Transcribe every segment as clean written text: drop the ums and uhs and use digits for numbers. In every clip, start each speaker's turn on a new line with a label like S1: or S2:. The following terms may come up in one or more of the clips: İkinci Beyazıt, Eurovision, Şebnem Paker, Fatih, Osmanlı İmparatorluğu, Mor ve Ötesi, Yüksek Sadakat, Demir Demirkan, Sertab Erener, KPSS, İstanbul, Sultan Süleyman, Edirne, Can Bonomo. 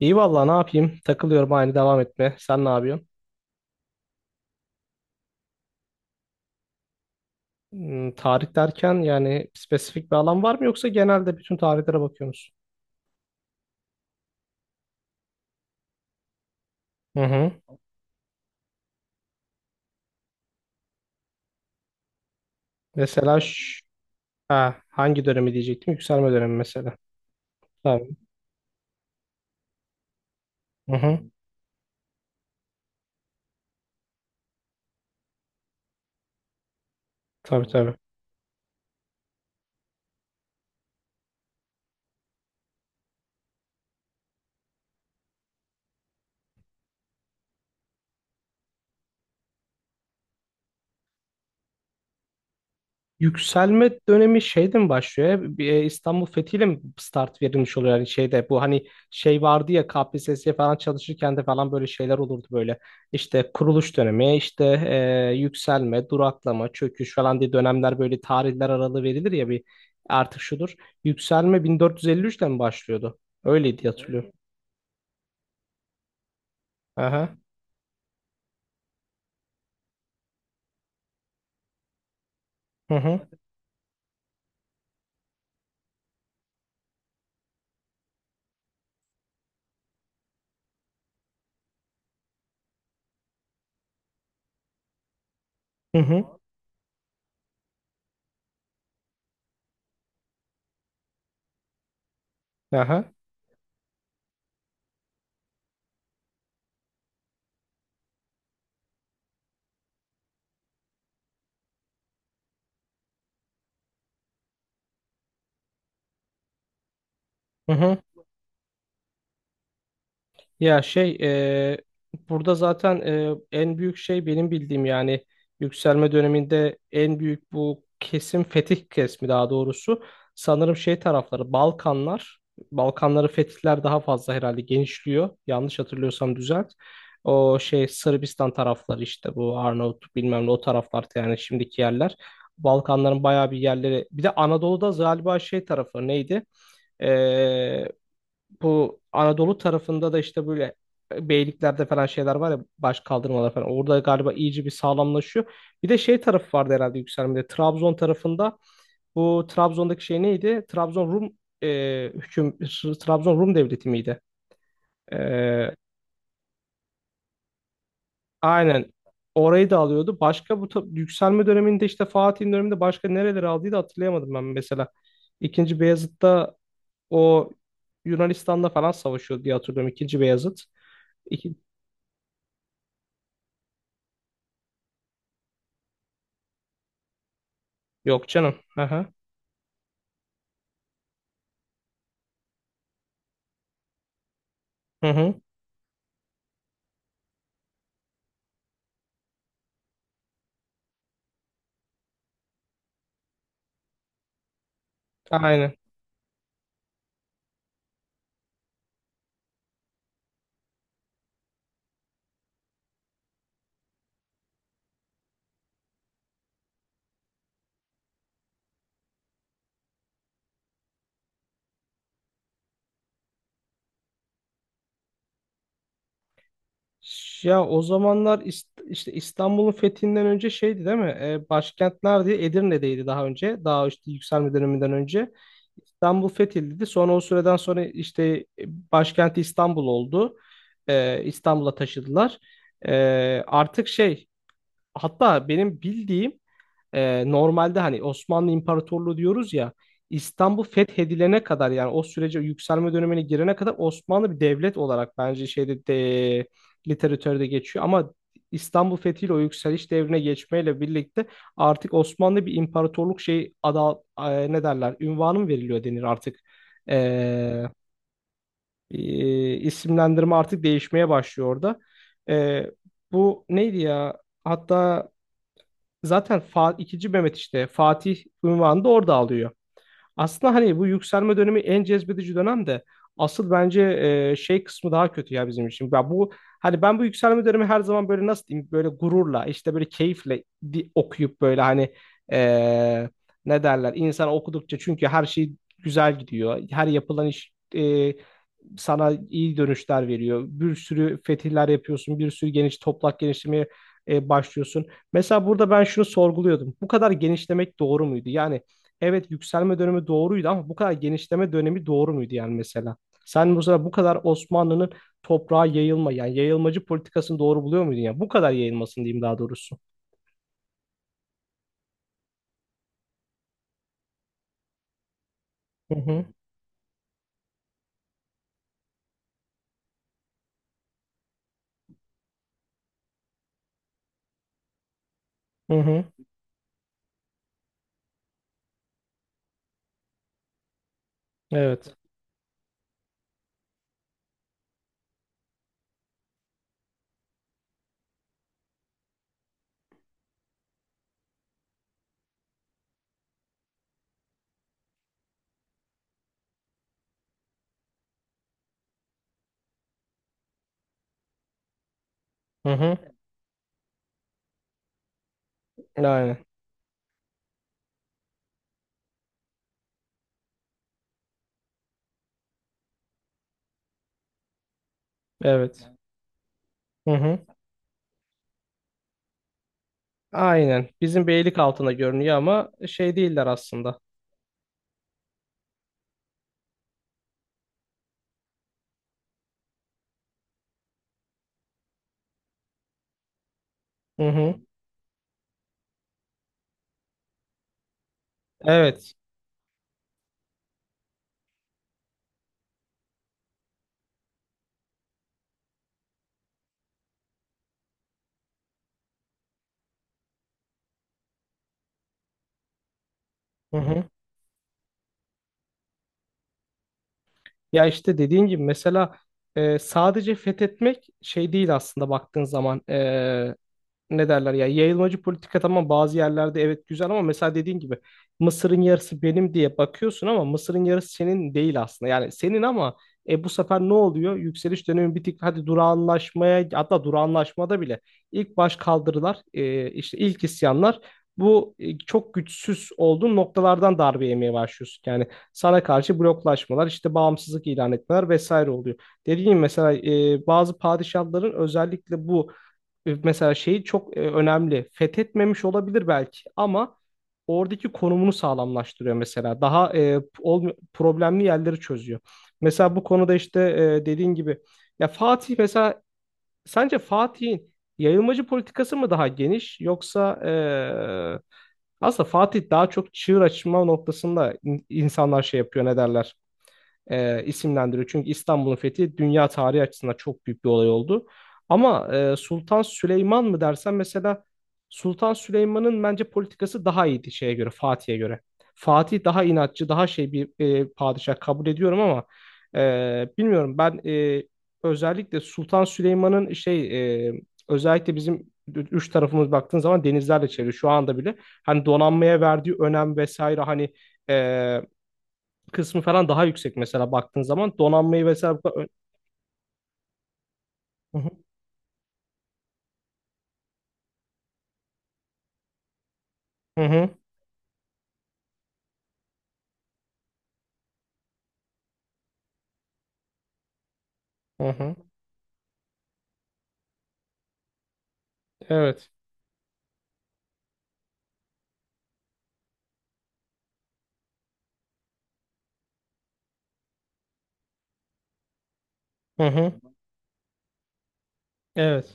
S1: İyi vallahi ne yapayım? Takılıyorum aynı devam etme. Sen ne yapıyorsun? Hmm, tarih derken yani spesifik bir alan var mı yoksa genelde bütün tarihlere bakıyorsunuz? Musun? Hı hı. Mesela ha, hangi dönemi diyecektim? Yükselme dönemi mesela. Tabii. Hı hı. Tabii tabii. Yükselme dönemi şeyden başlıyor. Ya, bir, İstanbul fethiyle mi start verilmiş oluyor? Yani şeyde bu hani şey vardı ya KPSS'ye falan çalışırken de falan böyle şeyler olurdu böyle. İşte kuruluş dönemi, işte yükselme, duraklama, çöküş falan diye dönemler böyle tarihler aralığı verilir ya bir artık şudur. Yükselme 1453'te mi başlıyordu? Öyleydi diye hatırlıyorum. Aha. Hı hı. Hı hı. Aha. Hı hı. Ya şey e, burada zaten en büyük şey benim bildiğim, yani yükselme döneminde en büyük bu kesim fetih kesmi daha doğrusu. Sanırım şey tarafları Balkanlar, Balkanları fetihler daha fazla herhalde genişliyor, yanlış hatırlıyorsam düzelt. O şey Sırbistan tarafları, işte bu Arnavutluk bilmem ne, o taraflar yani şimdiki yerler, Balkanların bayağı bir yerleri. Bir de Anadolu'da galiba şey tarafı neydi? Bu Anadolu tarafında da işte böyle beyliklerde falan şeyler var ya, baş kaldırmalar falan. Orada galiba iyice bir sağlamlaşıyor. Bir de şey tarafı vardı herhalde yükselmede. Trabzon tarafında bu Trabzon'daki şey neydi? E, hüküm Trabzon Rum devleti miydi? E, aynen. Orayı da alıyordu. Başka bu yükselme döneminde, işte Fatih'in döneminde, başka nereleri aldığı da hatırlayamadım ben mesela. İkinci Beyazıt'ta o Yunanistan'da falan savaşıyordu diye hatırlıyorum. İkinci Beyazıt. Yok canım. Aha. Hı hı. Aynen. Ya o zamanlar işte İstanbul'un fethinden önce şeydi değil mi? Başkent neredeydi? Edirne'deydi daha önce. Daha işte yükselme döneminden önce. İstanbul fethedildi. Sonra o süreden sonra işte başkenti İstanbul oldu. İstanbul'a taşıdılar. E, artık şey, hatta benim bildiğim normalde hani Osmanlı İmparatorluğu diyoruz ya, İstanbul fethedilene kadar yani o sürece, yükselme dönemine girene kadar Osmanlı bir devlet olarak bence şeyde de, literatürde geçiyor ama İstanbul fethiyle, o yükseliş devrine geçmeyle birlikte artık Osmanlı bir imparatorluk şey ada ne derler, ünvanı mı veriliyor denir artık. E, e, isimlendirme artık değişmeye başlıyor orada. E, bu neydi ya? Hatta zaten ikinci Mehmet işte Fatih unvanı da orada alıyor. Aslında hani bu yükselme dönemi en cezbedici dönem de, asıl bence şey kısmı daha kötü ya bizim için. Ya bu hani, ben bu yükselme dönemi her zaman böyle nasıl diyeyim, böyle gururla, işte böyle keyifle okuyup, böyle hani e, ne derler insan okudukça, çünkü her şey güzel gidiyor. Her yapılan iş sana iyi dönüşler veriyor. Bir sürü fetihler yapıyorsun, bir sürü geniş toplak genişlemeye başlıyorsun. Mesela burada ben şunu sorguluyordum. Bu kadar genişlemek doğru muydu? Yani evet, yükselme dönemi doğruydu ama bu kadar genişleme dönemi doğru muydu yani mesela? Sen mesela bu kadar Osmanlı'nın toprağa yayılma yani yayılmacı politikasını doğru buluyor muydun ya? Bu kadar yayılmasın diyeyim daha doğrusu. Hı hı. Hı hı. Evet. Hı hı. Aynen. Evet. Hı hı. Aynen. Bizim beylik altında görünüyor ama şey değiller aslında. Hı hı. Evet. Hı hı. Ya işte dediğin gibi, mesela sadece fethetmek şey değil aslında baktığın zaman. Ne derler ya, yayılmacı politika tamam bazı yerlerde evet güzel, ama mesela dediğin gibi Mısır'ın yarısı benim diye bakıyorsun ama Mısır'ın yarısı senin değil aslında. Yani senin ama bu sefer ne oluyor? Yükseliş dönemi bir tık hadi durağanlaşmaya, hatta durağanlaşmada bile ilk baş kaldırılar işte ilk isyanlar, bu çok güçsüz olduğun noktalardan darbe yemeye başlıyorsun. Yani sana karşı bloklaşmalar, işte bağımsızlık ilan etmeler vesaire oluyor. Dediğim gibi, mesela bazı padişahların özellikle bu mesela şeyi çok önemli. Fethetmemiş olabilir belki ama oradaki konumunu sağlamlaştırıyor mesela. Daha problemli yerleri çözüyor. Mesela bu konuda işte dediğin gibi, ya Fatih mesela, sence Fatih'in yayılmacı politikası mı daha geniş, yoksa aslında Fatih daha çok çığır açma noktasında insanlar şey yapıyor, ne derler? E, isimlendiriyor. Çünkü İstanbul'un fethi dünya tarihi açısından çok büyük bir olay oldu. Ama Sultan Süleyman mı dersen mesela, Sultan Süleyman'ın bence politikası daha iyiydi şeye göre, Fatih'e göre. Fatih daha inatçı, daha şey bir padişah kabul ediyorum ama bilmiyorum ben, özellikle Sultan Süleyman'ın şey, e, özellikle bizim üç tarafımız baktığın zaman denizlerle çevrili şu anda bile, hani donanmaya verdiği önem vesaire, hani e, kısmı falan daha yüksek mesela baktığın zaman, donanmayı vesaire bu kadar... Hı hı, hı hı, hı hı. Evet. Hı hı. Evet.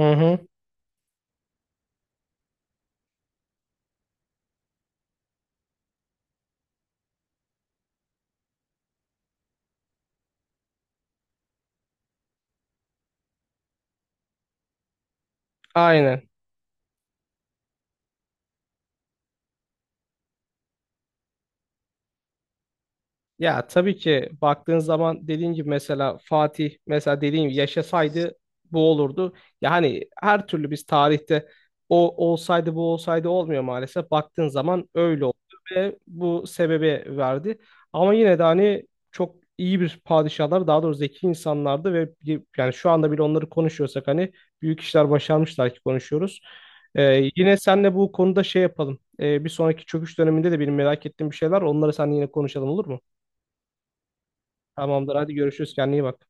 S1: Hı hı. Aynen. Ya tabii ki baktığın zaman, dediğin gibi mesela Fatih, mesela dediğim gibi yaşasaydı bu olurdu. Ya hani her türlü biz tarihte, o olsaydı bu olsaydı olmuyor maalesef. Baktığın zaman öyle oldu ve bu sebebi verdi. Ama yine de hani çok iyi bir padişahlar, daha doğrusu zeki insanlardı ve yani şu anda bile onları konuşuyorsak, hani büyük işler başarmışlar ki konuşuyoruz. Yine senle bu konuda şey yapalım. Bir sonraki çöküş döneminde de benim merak ettiğim bir şeyler, onları seninle yine konuşalım, olur mu? Tamamdır, hadi görüşürüz, kendine iyi bak.